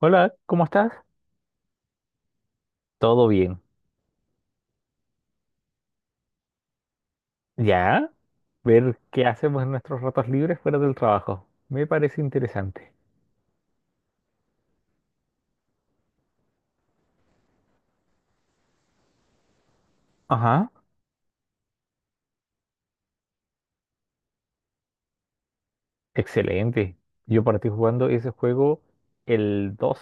Hola, ¿cómo estás? Todo bien. Ya, ver qué hacemos en nuestros ratos libres fuera del trabajo. Me parece interesante. Ajá, excelente. Yo partí jugando ese juego el 2,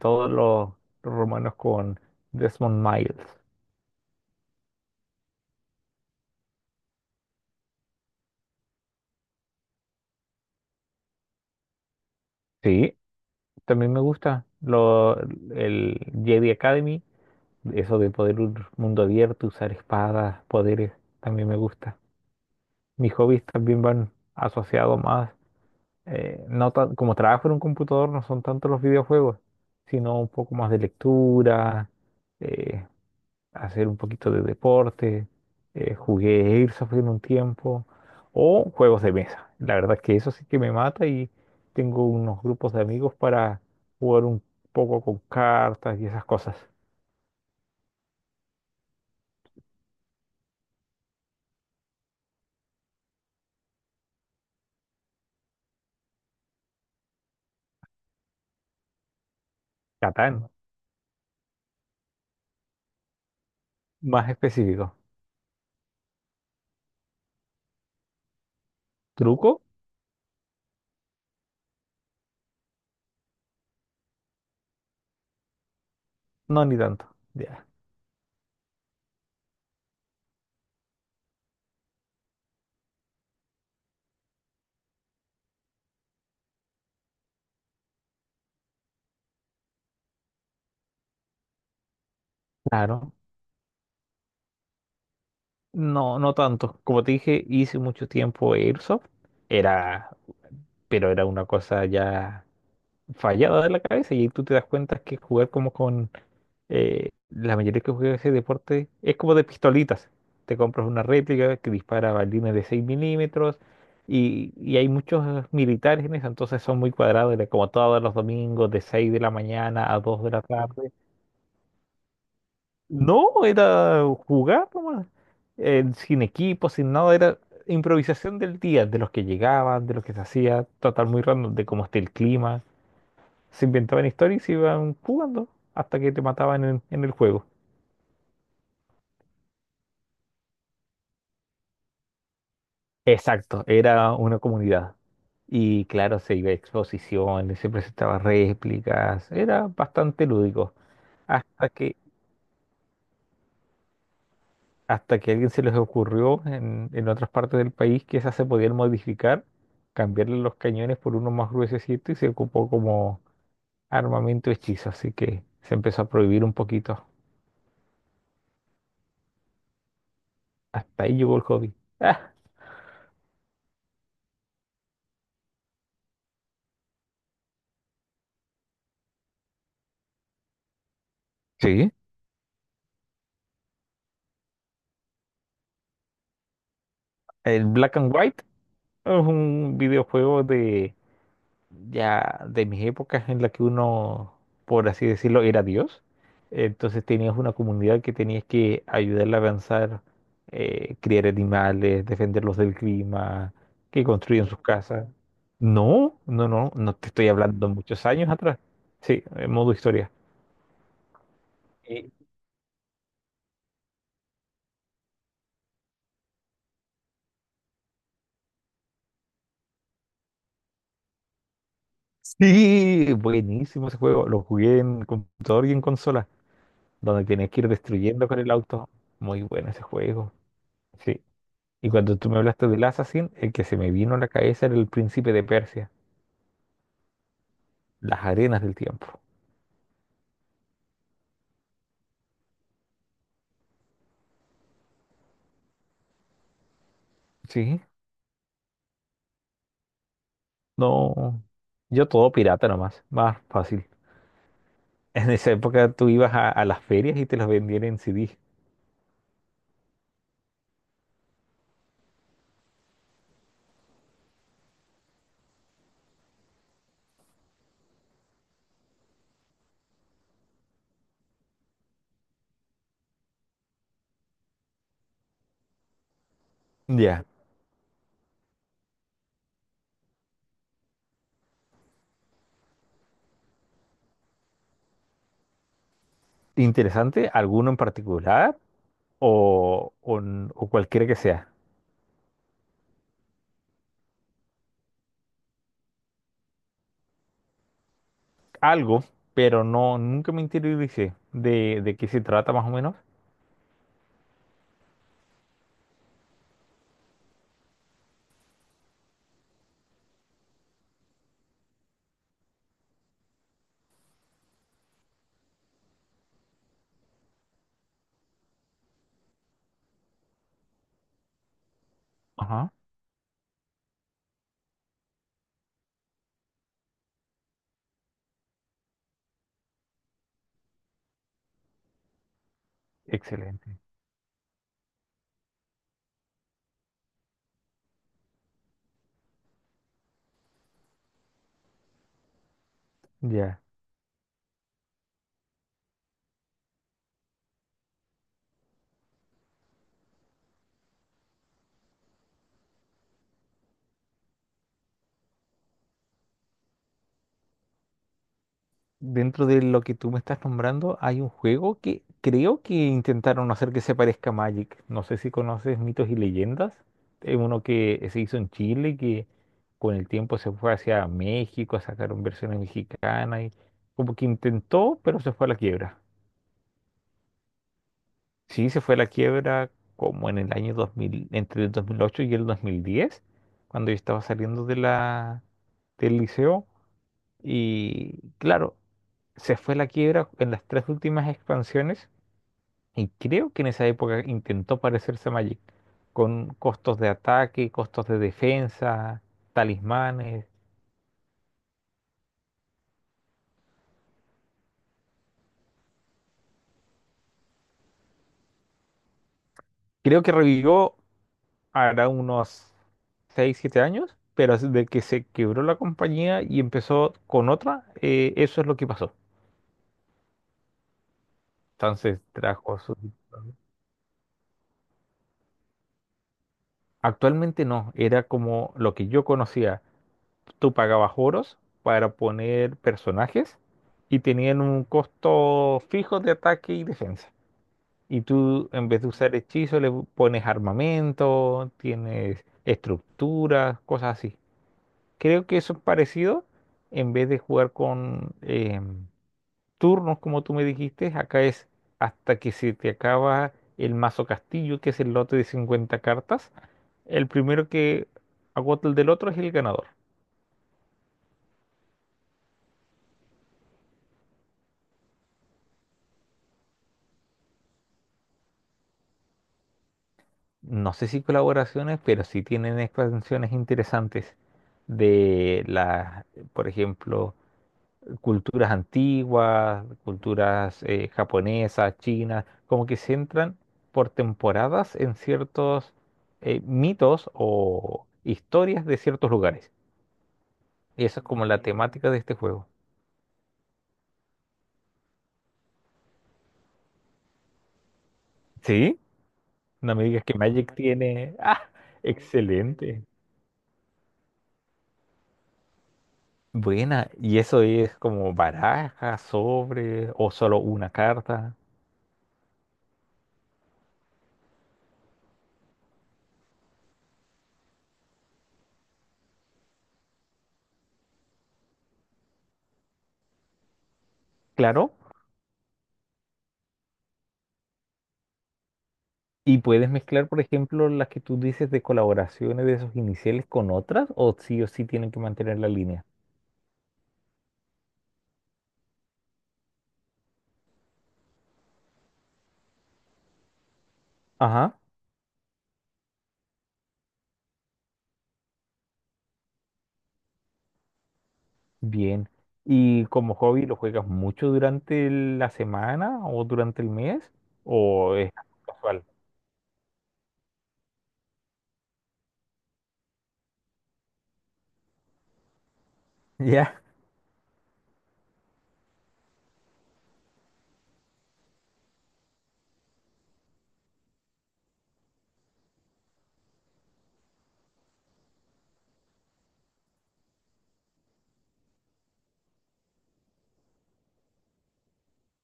todos los romanos con Desmond Miles. Sí, también me gusta el Jedi Academy, eso de poder un mundo abierto, usar espadas, poderes, también me gusta. Mis hobbies también van asociados más no como trabajo en un computador no son tanto los videojuegos, sino un poco más de lectura, eh, hacer un poquito de deporte, jugué Airsoft en un tiempo, o juegos de mesa. La verdad es que eso sí que me mata y tengo unos grupos de amigos para jugar un poco con cartas y esas cosas. Catán, más específico. ¿Truco? No, ni tanto. Ya, claro. No, no tanto. Como te dije, hice mucho tiempo Airsoft. Era pero era una cosa ya fallada de la cabeza y ahí tú te das cuenta que jugar como con la mayoría que juega ese deporte es como de pistolitas. Te compras una réplica que dispara balines de 6 milímetros y hay muchos militares en eso, entonces son muy cuadrados, era como todos los domingos de 6 de la mañana a 2 de la tarde. No, era jugar nomás, sin equipo, sin nada, era improvisación del día, de los que llegaban, de los que se hacía, total muy random, de cómo esté el clima. Se inventaban historias y iban jugando hasta que te mataban en el juego. Exacto, era una comunidad. Y claro, se iba a exposiciones, se presentaban réplicas, era bastante lúdico. Hasta que, hasta que a alguien se les ocurrió en otras partes del país que esas se podían modificar, cambiarle los cañones por uno más gruesecito y se ocupó como armamento hechizo. Así que se empezó a prohibir un poquito. Hasta ahí llegó el hobby. Ah, sí. El black and white es un videojuego de ya de mis épocas en la que uno, por así decirlo, era Dios. Entonces tenías una comunidad que tenías que ayudarla a avanzar, criar animales, defenderlos del clima, que construyan sus casas. No, te estoy hablando muchos años atrás. Sí, en modo historia. Eh, Sí, buenísimo ese juego. Lo jugué en computador y en consola, donde tenías que ir destruyendo con el auto. Muy bueno ese juego. Sí. Y cuando tú me hablaste del Assassin, el que se me vino a la cabeza era el príncipe de Persia, las arenas del tiempo. Sí. No, yo todo pirata nomás, más fácil. En esa época tú ibas a las ferias y te los vendían en CD. Ya. Interesante, alguno en particular o o cualquiera que sea. Algo, pero no, nunca me interioricé de qué se trata más o menos. Ajá. Excelente. Ya. Dentro de lo que tú me estás nombrando, hay un juego que creo que intentaron hacer que se parezca a Magic. No sé si conoces Mitos y Leyendas. Es uno que se hizo en Chile, que con el tiempo se fue hacia México, sacaron versiones mexicanas y como que intentó, pero se fue a la quiebra. Sí, se fue a la quiebra como en el año 2000, entre el 2008 y el 2010, cuando yo estaba saliendo de del liceo. Y claro, se fue a la quiebra en las tres últimas expansiones y creo que en esa época intentó parecerse a Magic, con costos de ataque, costos de defensa, talismanes. Creo que revivió hará unos 6 7 años, pero desde que se quebró la compañía y empezó con otra, eso es lo que pasó. Entonces trajo su... Actualmente no, era como lo que yo conocía, tú pagabas oros para poner personajes y tenían un costo fijo de ataque y defensa. Y tú, en vez de usar hechizos, le pones armamento, tienes estructuras, cosas así. Creo que eso es parecido. En vez de jugar con turnos, como tú me dijiste, acá es hasta que se te acaba el mazo castillo, que es el lote de 50 cartas. El primero que agota el del otro es el ganador. No sé si colaboraciones, pero sí tienen expansiones interesantes de las, por ejemplo, culturas antiguas, culturas japonesas, chinas, como que se entran por temporadas en ciertos mitos o historias de ciertos lugares. Y esa es como la mm, temática de este juego. ¿Sí? No me digas que Magic tiene... ¡Ah! Mm, excelente. Buena, ¿y eso es como baraja, sobre o solo una carta? Claro, y puedes mezclar, por ejemplo, las que tú dices de colaboraciones de esos iniciales con otras, o sí tienen que mantener la línea. Ajá, bien. ¿Y como hobby lo juegas mucho durante la semana o durante el mes? ¿O es casual? Ya,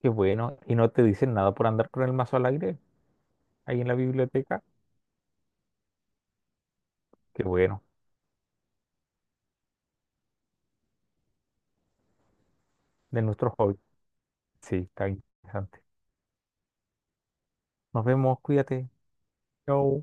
qué bueno. ¿Y no te dicen nada por andar con el mazo al aire ahí en la biblioteca? Qué bueno, de nuestros hobbies. Sí, está interesante. Nos vemos, cuídate. Yo.